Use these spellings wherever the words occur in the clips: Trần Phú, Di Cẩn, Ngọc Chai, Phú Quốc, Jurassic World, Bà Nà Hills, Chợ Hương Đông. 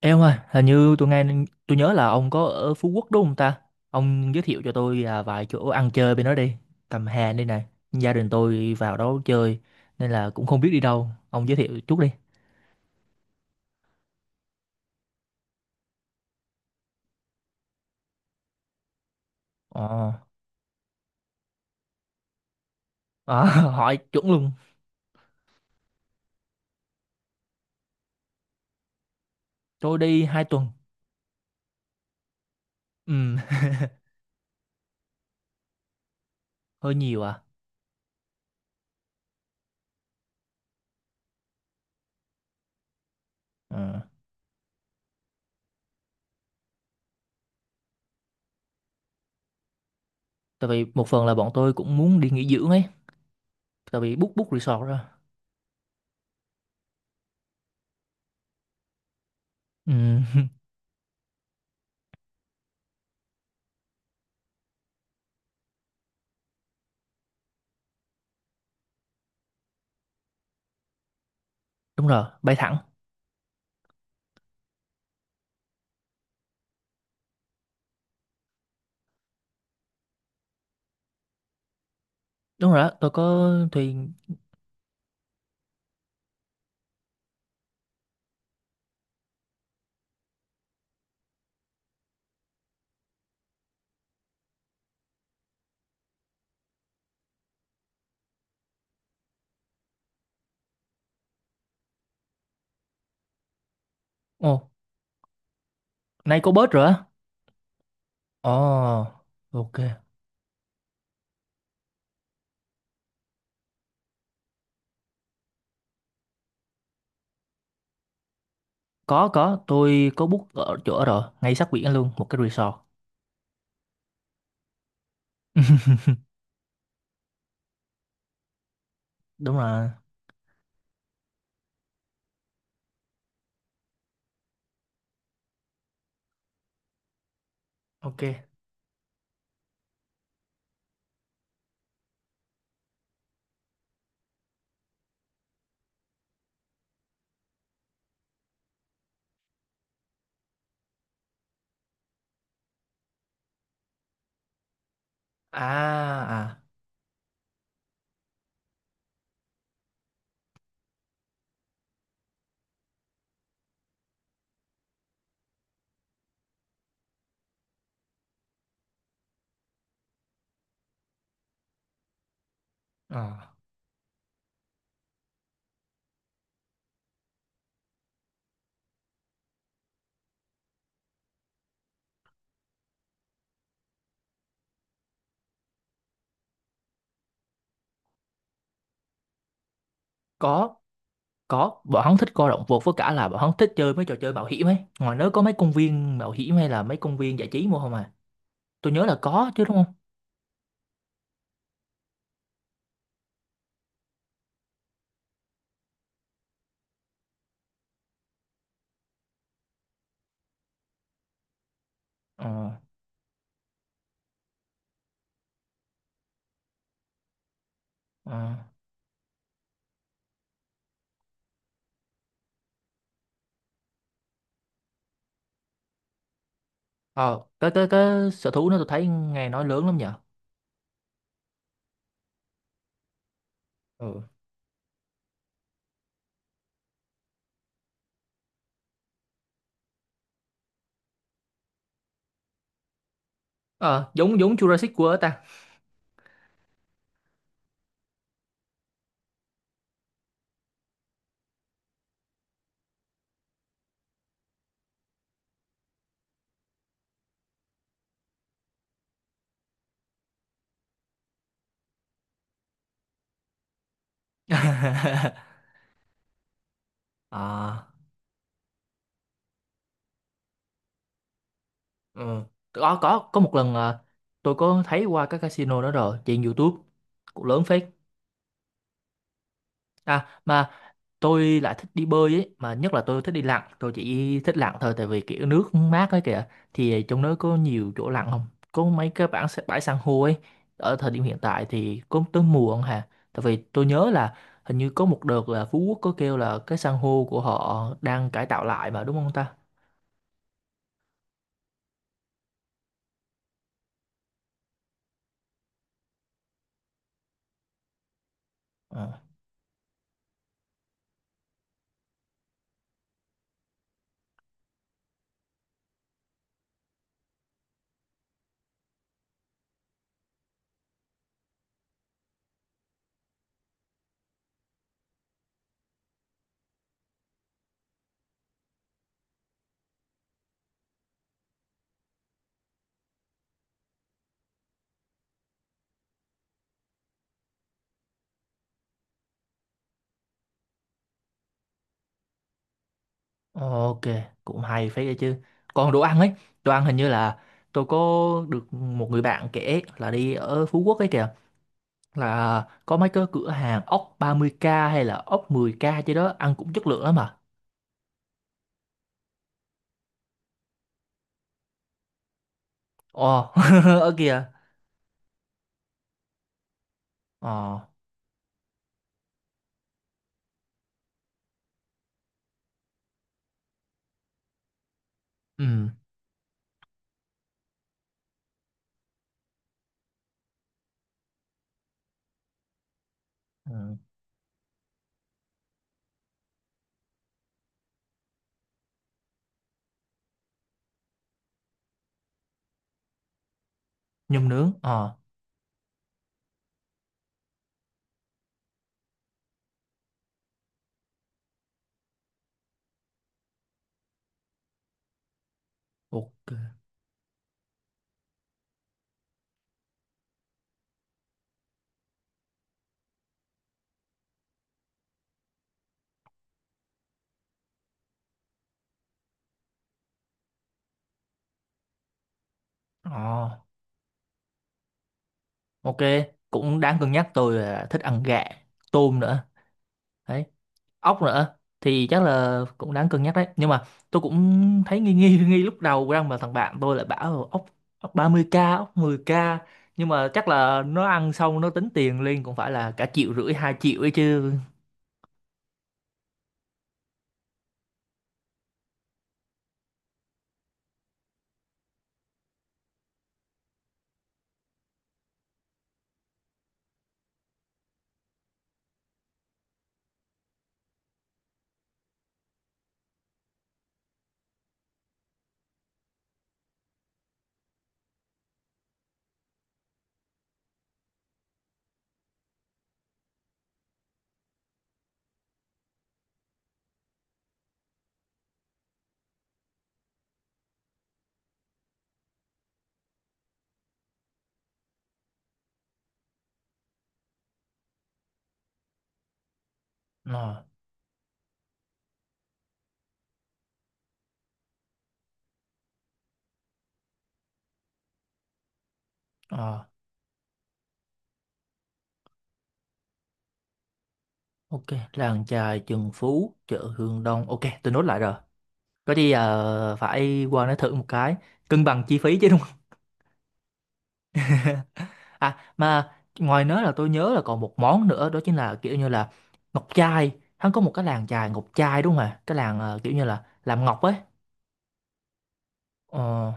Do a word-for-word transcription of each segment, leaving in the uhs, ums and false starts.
Em ơi, hình như tôi nghe tôi nhớ là ông có ở Phú Quốc đúng không ta? Ông giới thiệu cho tôi à, vài chỗ ăn chơi bên đó đi. Cầm Hà đây này. Gia đình tôi vào đó chơi nên là cũng không biết đi đâu. Ông giới thiệu chút đi. Ờ, à, hỏi chuẩn luôn. Tôi đi hai tuần. Ừ, hơi nhiều à. Ừ. Tại vì một phần là bọn tôi cũng muốn đi nghỉ dưỡng ấy. Tại vì book book resort rồi. Ừ, đúng rồi, bay thẳng. Đúng rồi, đó, tôi có thuyền. Ồ, nay có bớt rồi á. Ồ, ok. có có, tôi có book ở chỗ rồi, ngay sát biển luôn, một cái resort. Đúng rồi. Ok. À, à. Ờ. có có bọn hắn thích coi động vật, với cả là bọn hắn thích chơi mấy trò chơi mạo hiểm ấy. Ngoài nước có mấy công viên mạo hiểm hay là mấy công viên giải trí mua không à? Tôi nhớ là có chứ, đúng không? ờ ờ ờ cái cái cái sở thú nó tôi thấy nghe nói lớn lắm nhở. Ừ. Ờ, giống giống Jurassic World ta. À. Ờ, có có có một lần, à, tôi có thấy qua các casino đó rồi trên YouTube, cũng lớn phết. À mà tôi lại thích đi bơi ấy, mà nhất là tôi thích đi lặn, tôi chỉ thích lặn thôi tại vì kiểu nước mát ấy kìa. Thì trong đó có nhiều chỗ lặn không? Có mấy cái bãi bãi san hô ấy. Ở thời điểm hiện tại thì có tới mùa không hà? Tại vì tôi nhớ là hình như có một đợt là Phú Quốc có kêu là cái san hô của họ đang cải tạo lại mà, đúng không ta? Ờ. Ok, cũng hay phết đấy chứ. Còn đồ ăn ấy, đồ ăn hình như là tôi có được một người bạn kể là đi ở Phú Quốc ấy kìa, là có mấy cái cửa hàng ốc ba mươi k hay là ốc mười k chứ đó, ăn cũng chất lượng lắm mà. Ồ, ở kìa. Ờ, ừ, ừ, nhum nướng, ờ, ok. Ờ, ok, cũng đáng cân nhắc. Tôi là thích ăn gà, tôm nữa. Đấy, ốc nữa thì chắc là cũng đáng cân nhắc đấy, nhưng mà tôi cũng thấy nghi nghi nghi lúc đầu rằng mà thằng bạn tôi lại bảo là ốc ốc ba mươi k, ốc mười k, nhưng mà chắc là nó ăn xong nó tính tiền liền cũng phải là cả triệu rưỡi, hai triệu ấy chứ. Ờ, ờ. Ok, làng chài Trần Phú, chợ Hương Đông. Ok, tôi nốt lại rồi, có gì à, phải qua nó thử một cái, cân bằng chi phí chứ. À mà ngoài nớ là tôi nhớ là còn một món nữa, đó chính là kiểu như là ngọc chai. Hắn có một cái làng chài ngọc chai đúng không ạ? Cái làng ờ, kiểu như là làm ngọc ấy. Ờ,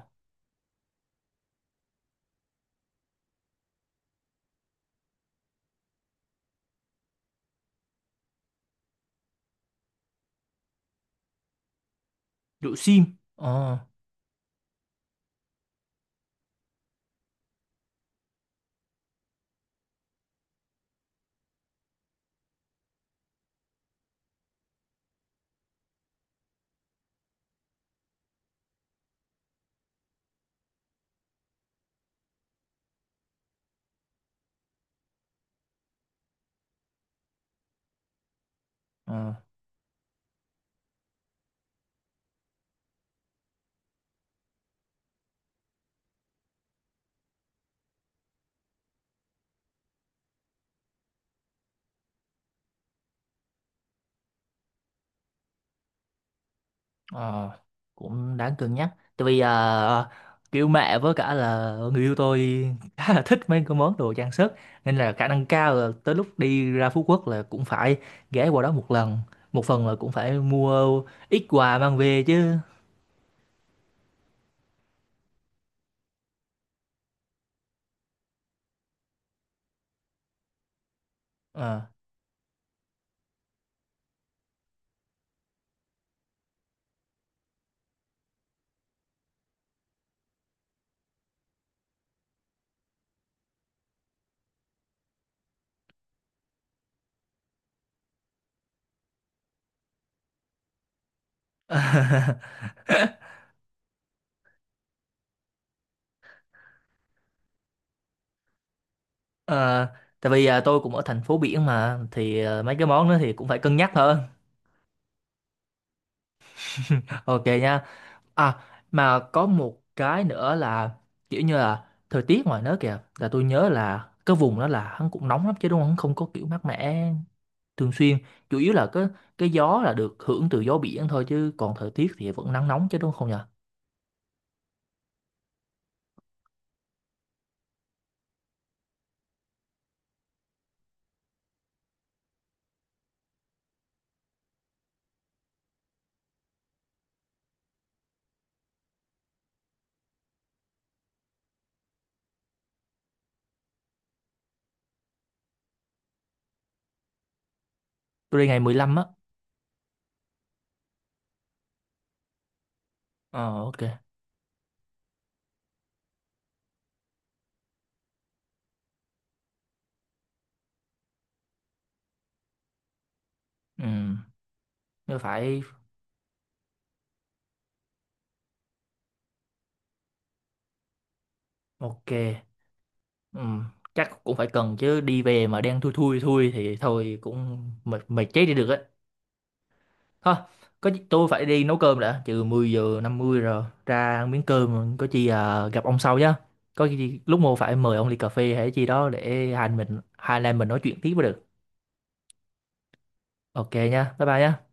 rượu sim. Ờ, ờ, ờ, cũng đáng cân nhắc. Tại vì ờ, kiểu mẹ với cả là người yêu tôi khá là thích mấy cái món đồ trang sức. Nên là khả năng cao là tới lúc đi ra Phú Quốc là cũng phải ghé qua đó một lần. Một phần là cũng phải mua ít quà mang về chứ. Ờ. Ờ, tại vì à, tôi cũng ở thành phố biển mà, thì à, mấy cái món đó thì cũng phải cân nhắc hơn. Ok nha. À mà có một cái nữa là kiểu như là thời tiết ngoài nước kìa, là tôi nhớ là cái vùng đó là hắn cũng nóng lắm chứ đúng không? Hắn không có kiểu mát mẻ thường xuyên. Chủ yếu là cái cái gió là được hưởng từ gió biển thôi, chứ còn thời tiết thì vẫn nắng nóng chứ đúng không nhỉ? Tôi đi ngày mười lăm á. Ờ ok. Ừ, nó phải ok. Ừ, chắc cũng phải cần chứ, đi về mà đang thui thui thui thì thôi cũng mệt mệt chết đi được á. Thôi, có gì- tôi phải đi nấu cơm đã, trừ mười giờ năm mươi rồi, ra ăn miếng cơm. Có chi à, gặp ông sau nhá. Có gì lúc mua phải mời ông ly cà phê hay chi đó để hai mình hai anh em mình nói chuyện tiếp mới được. Ok nha, bye bye nhá.